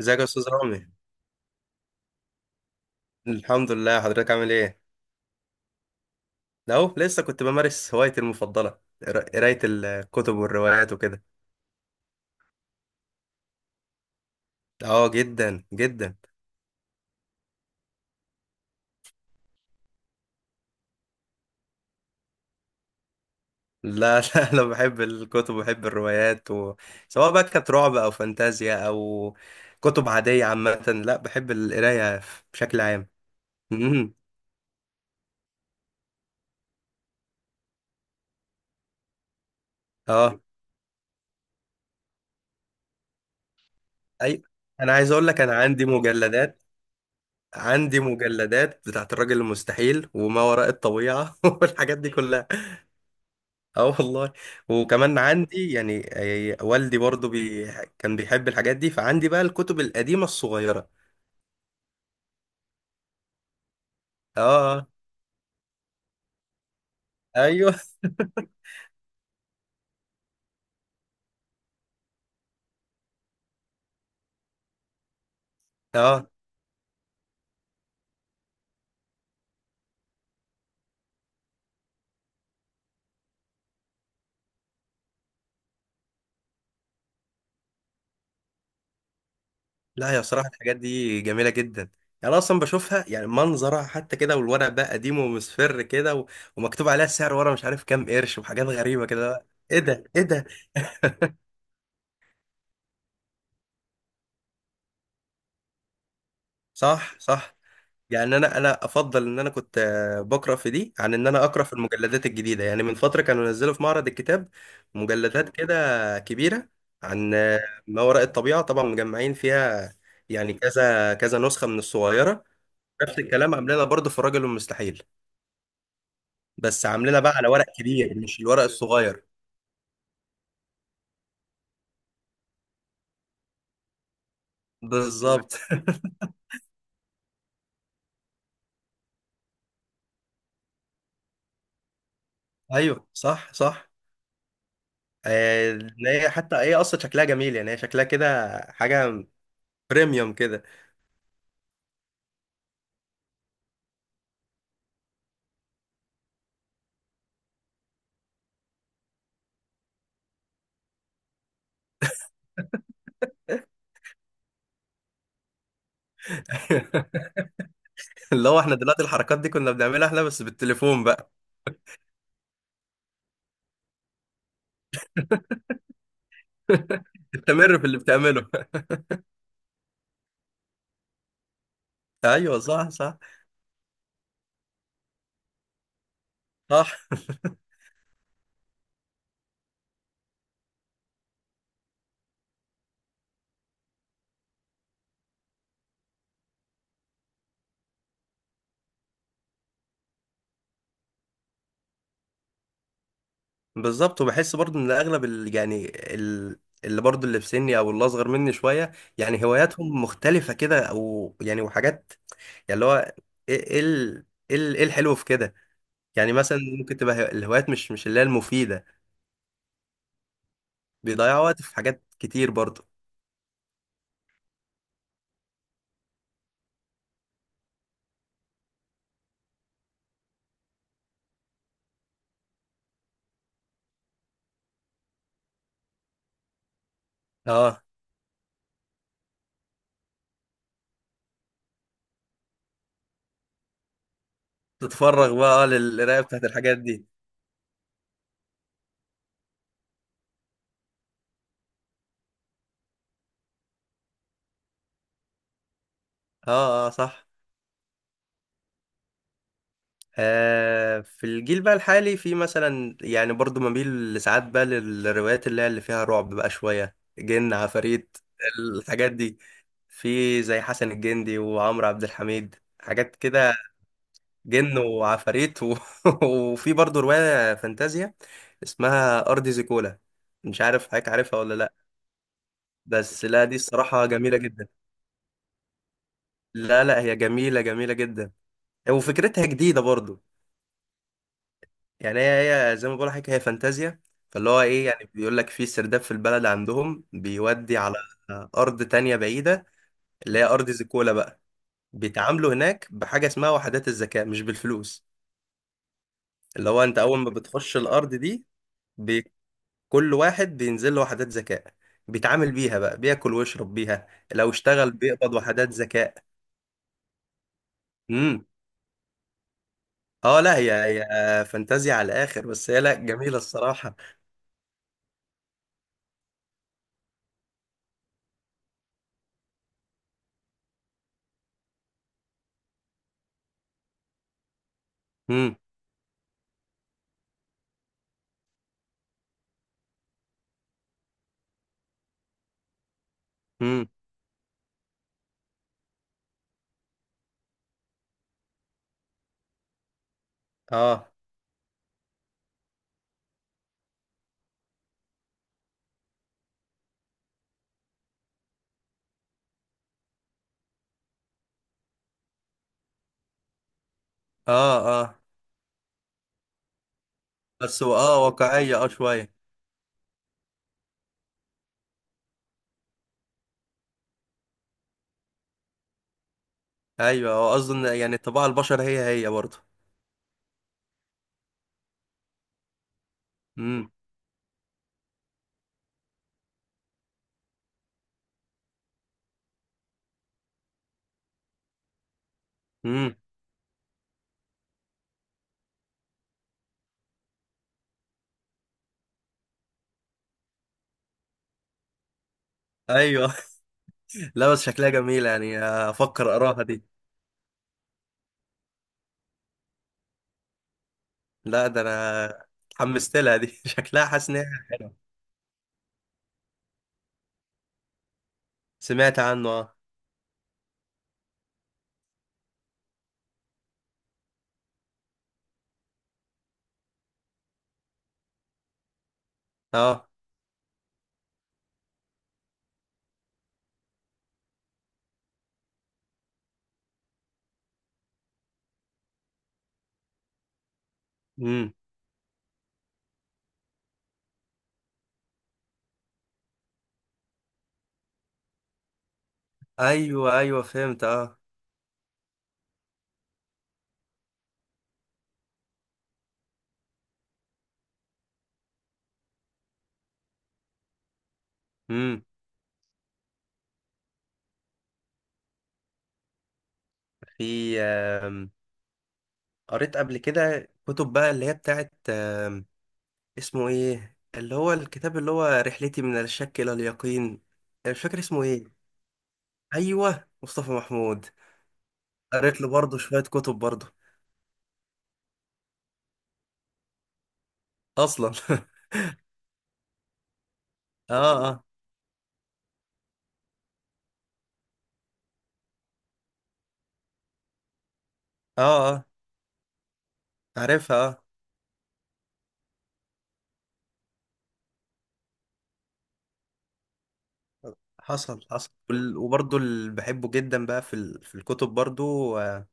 ازيك يا استاذ رامي؟ الحمد لله، حضرتك عامل ايه؟ ده اهو، لسه كنت بمارس هوايتي المفضله، قرايه الكتب والروايات وكده. اه، جدا جدا. لا لا، انا بحب الكتب وبحب الروايات، و... سواء بقى كانت رعب او فانتازيا او كتب عاديه عامه. لا، بحب القرايه بشكل عام. امم. اه، اي، انا عايز اقول لك انا عندي مجلدات. عندي مجلدات بتاعت الراجل المستحيل وما وراء الطبيعه والحاجات دي كلها. اه والله. وكمان عندي، يعني والدي برضو، كان بيحب الحاجات دي، فعندي بقى الكتب القديمة الصغيرة. اه، آه، ايوه اه. لا يا صراحة الحاجات دي جميلة جدا، يعني اصلا بشوفها، يعني منظرها حتى كده، والورق بقى قديم ومصفر كده، ومكتوب عليها السعر ورا، مش عارف كام قرش، وحاجات غريبة كده، ايه ده ايه ده؟ صح، صح. يعني انا افضل ان انا كنت بقرا في دي عن ان انا اقرا في المجلدات الجديده، يعني من فتره كانوا نزلوا في معرض الكتاب مجلدات كده كبيره عن ما وراء الطبيعه، طبعا مجمعين فيها، يعني كذا كذا نسخه من الصغيره. نفس الكلام عاملينها برضه في الرجل المستحيل، بس عاملينها بقى على ورق كبير، مش الورق الصغير. بالظبط ايوه، صح، صح. إن هي حتى هي اصلا شكلها جميل، يعني هي شكلها كده حاجه بريميوم كده. اللي هو احنا دلوقتي الحركات دي كنا بنعملها احنا بس بالتليفون بقى. استمر في اللي بتعمله. ايوه، صح، صح، صح. بالظبط، وبحس برضو ان اغلب يعني ال... اللي برضو اللي في سني او اللي اصغر مني شويه، يعني هواياتهم مختلفه كده، او يعني وحاجات، يعني اللي هو ايه إيه الحلو في كده؟ يعني مثلا ممكن تبقى الهوايات مش اللي هي المفيده، بيضيعوا وقت في حاجات كتير برضو. اه، تتفرغ بقى للقرايه بتاعت الحاجات دي. اه، اه، صح. في الجيل بقى الحالي، في مثلا يعني برضو بميل ساعات بقى للروايات اللي هي اللي فيها رعب بقى، شوية جن عفاريت، الحاجات دي. في زي حسن الجندي وعمرو عبد الحميد، حاجات كده، جن وعفاريت وفي برضو رواية فانتازيا اسمها أرض زيكولا، مش عارف حضرتك عارفها ولا لأ؟ بس لا، دي الصراحة جميلة جدا. لا، لا، هي جميلة جميلة جدا، وفكرتها جديدة برضو. يعني هي زي ما بقول لك، هي فانتازيا، فاللي هو ايه يعني بيقول لك في سرداب في البلد عندهم بيودي على ارض تانية بعيدة، اللي هي ارض زيكولا بقى. بيتعاملوا هناك بحاجة اسمها وحدات الذكاء، مش بالفلوس. اللي هو انت اول ما بتخش الارض دي، بي... كل واحد بينزل له وحدات ذكاء، بيتعامل بيها بقى، بياكل ويشرب بيها، لو اشتغل بيقبض وحدات ذكاء. امم. اه، لا، هي فانتازيا على الاخر، بس هي لا جميلة الصراحة. امم، امم، اه، اه، آه. بس هو، اه، واقعية اه شوية. ايوه، هو اصلا يعني طباع البشر هي هي برضه. امم، امم، ايوه لا، بس شكلها جميلة، يعني افكر اقراها دي. لا، ده انا اتحمست لها دي شكلها، حاسس ان هي حلوة. سمعت عنه، اه. اه، امم، ايوه، ايوه، فهمت اه. امم، في قريت قبل كده كتب بقى اللي هي بتاعت اسمه ايه؟ اللي هو الكتاب اللي هو رحلتي من الشك الى اليقين، أنا مش فاكر اسمه ايه. ايوه، مصطفى محمود. قريت له برضه شوية كتب برضه. أصلا آه، آه، آه، آه، عارفها آه. حصل حصل، وبرضه اللي بحبه جدا بقى في في الكتب برضه. آه،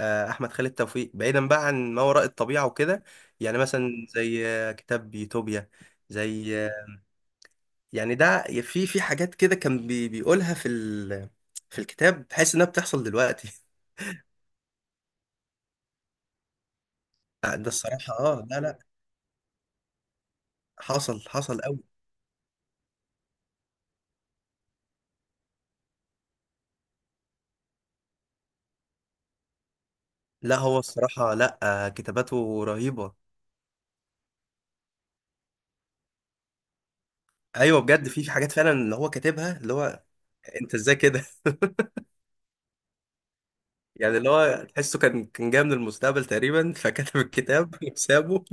آه، أحمد خالد توفيق بعيدا بقى عن ما وراء الطبيعة وكده، يعني مثلا زي كتاب يوتوبيا، زي يعني ده، في حاجات كده كان بيقولها في الكتاب، تحس إنها بتحصل دلوقتي. ده الصراحة، آه، لا، لا. حصل حصل أوي. لا، هو الصراحة، لا. كتاباته رهيبة. ايوه بجد، في حاجات فعلا اللي هو كاتبها، اللي هو انت ازاي كده؟ يعني اللي هو تحسه كان جاي من المستقبل تقريبا، فكتب الكتاب وسابه.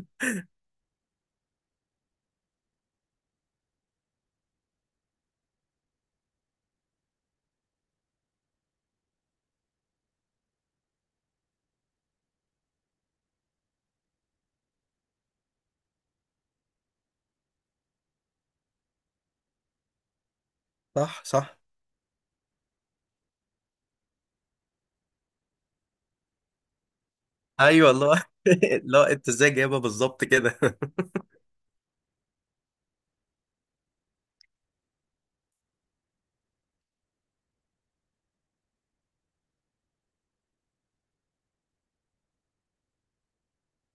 صح، صح. ايوه والله. لا، انت ازاي جايبها بالظبط كده؟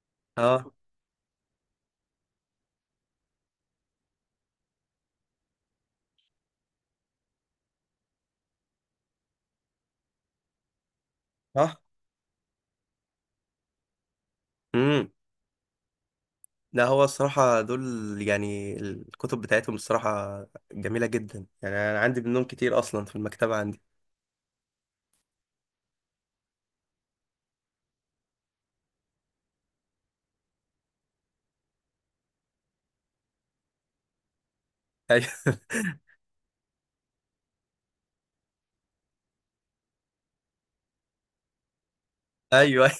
اه، صح. امم. لا، هو الصراحه دول، يعني الكتب بتاعتهم الصراحه جميله جدا، يعني انا عندي منهم كتير اصلا في المكتبه عندي. ايوه ايوه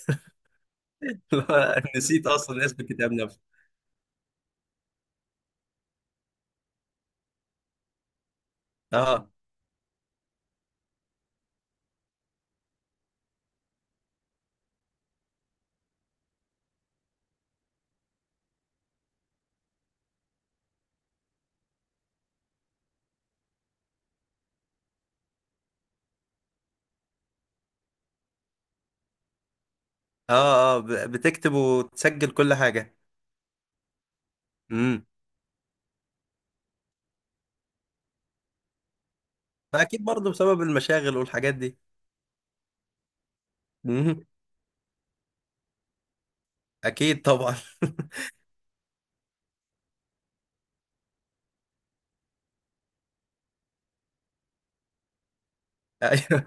لا، نسيت اصلا اسم الكتاب نفسه. اه، اه، اه، بتكتب وتسجل كل حاجه؟ امم. فاكيد برضه بسبب المشاغل والحاجات دي. مهم. اكيد طبعا. ايوه.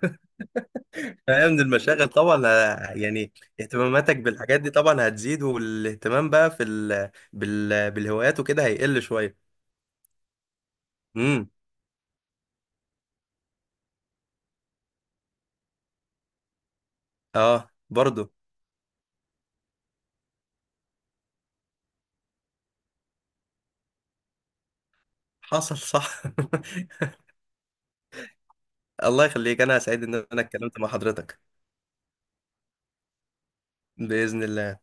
أيوة، من المشاغل طبعا، يعني اهتماماتك بالحاجات دي طبعا هتزيد، والاهتمام بقى في بالهوايات وكده هيقل شويه. امم. اه برضه. حصل صح. الله يخليك، انا سعيد ان انا اتكلمت مع حضرتك. باذن الله.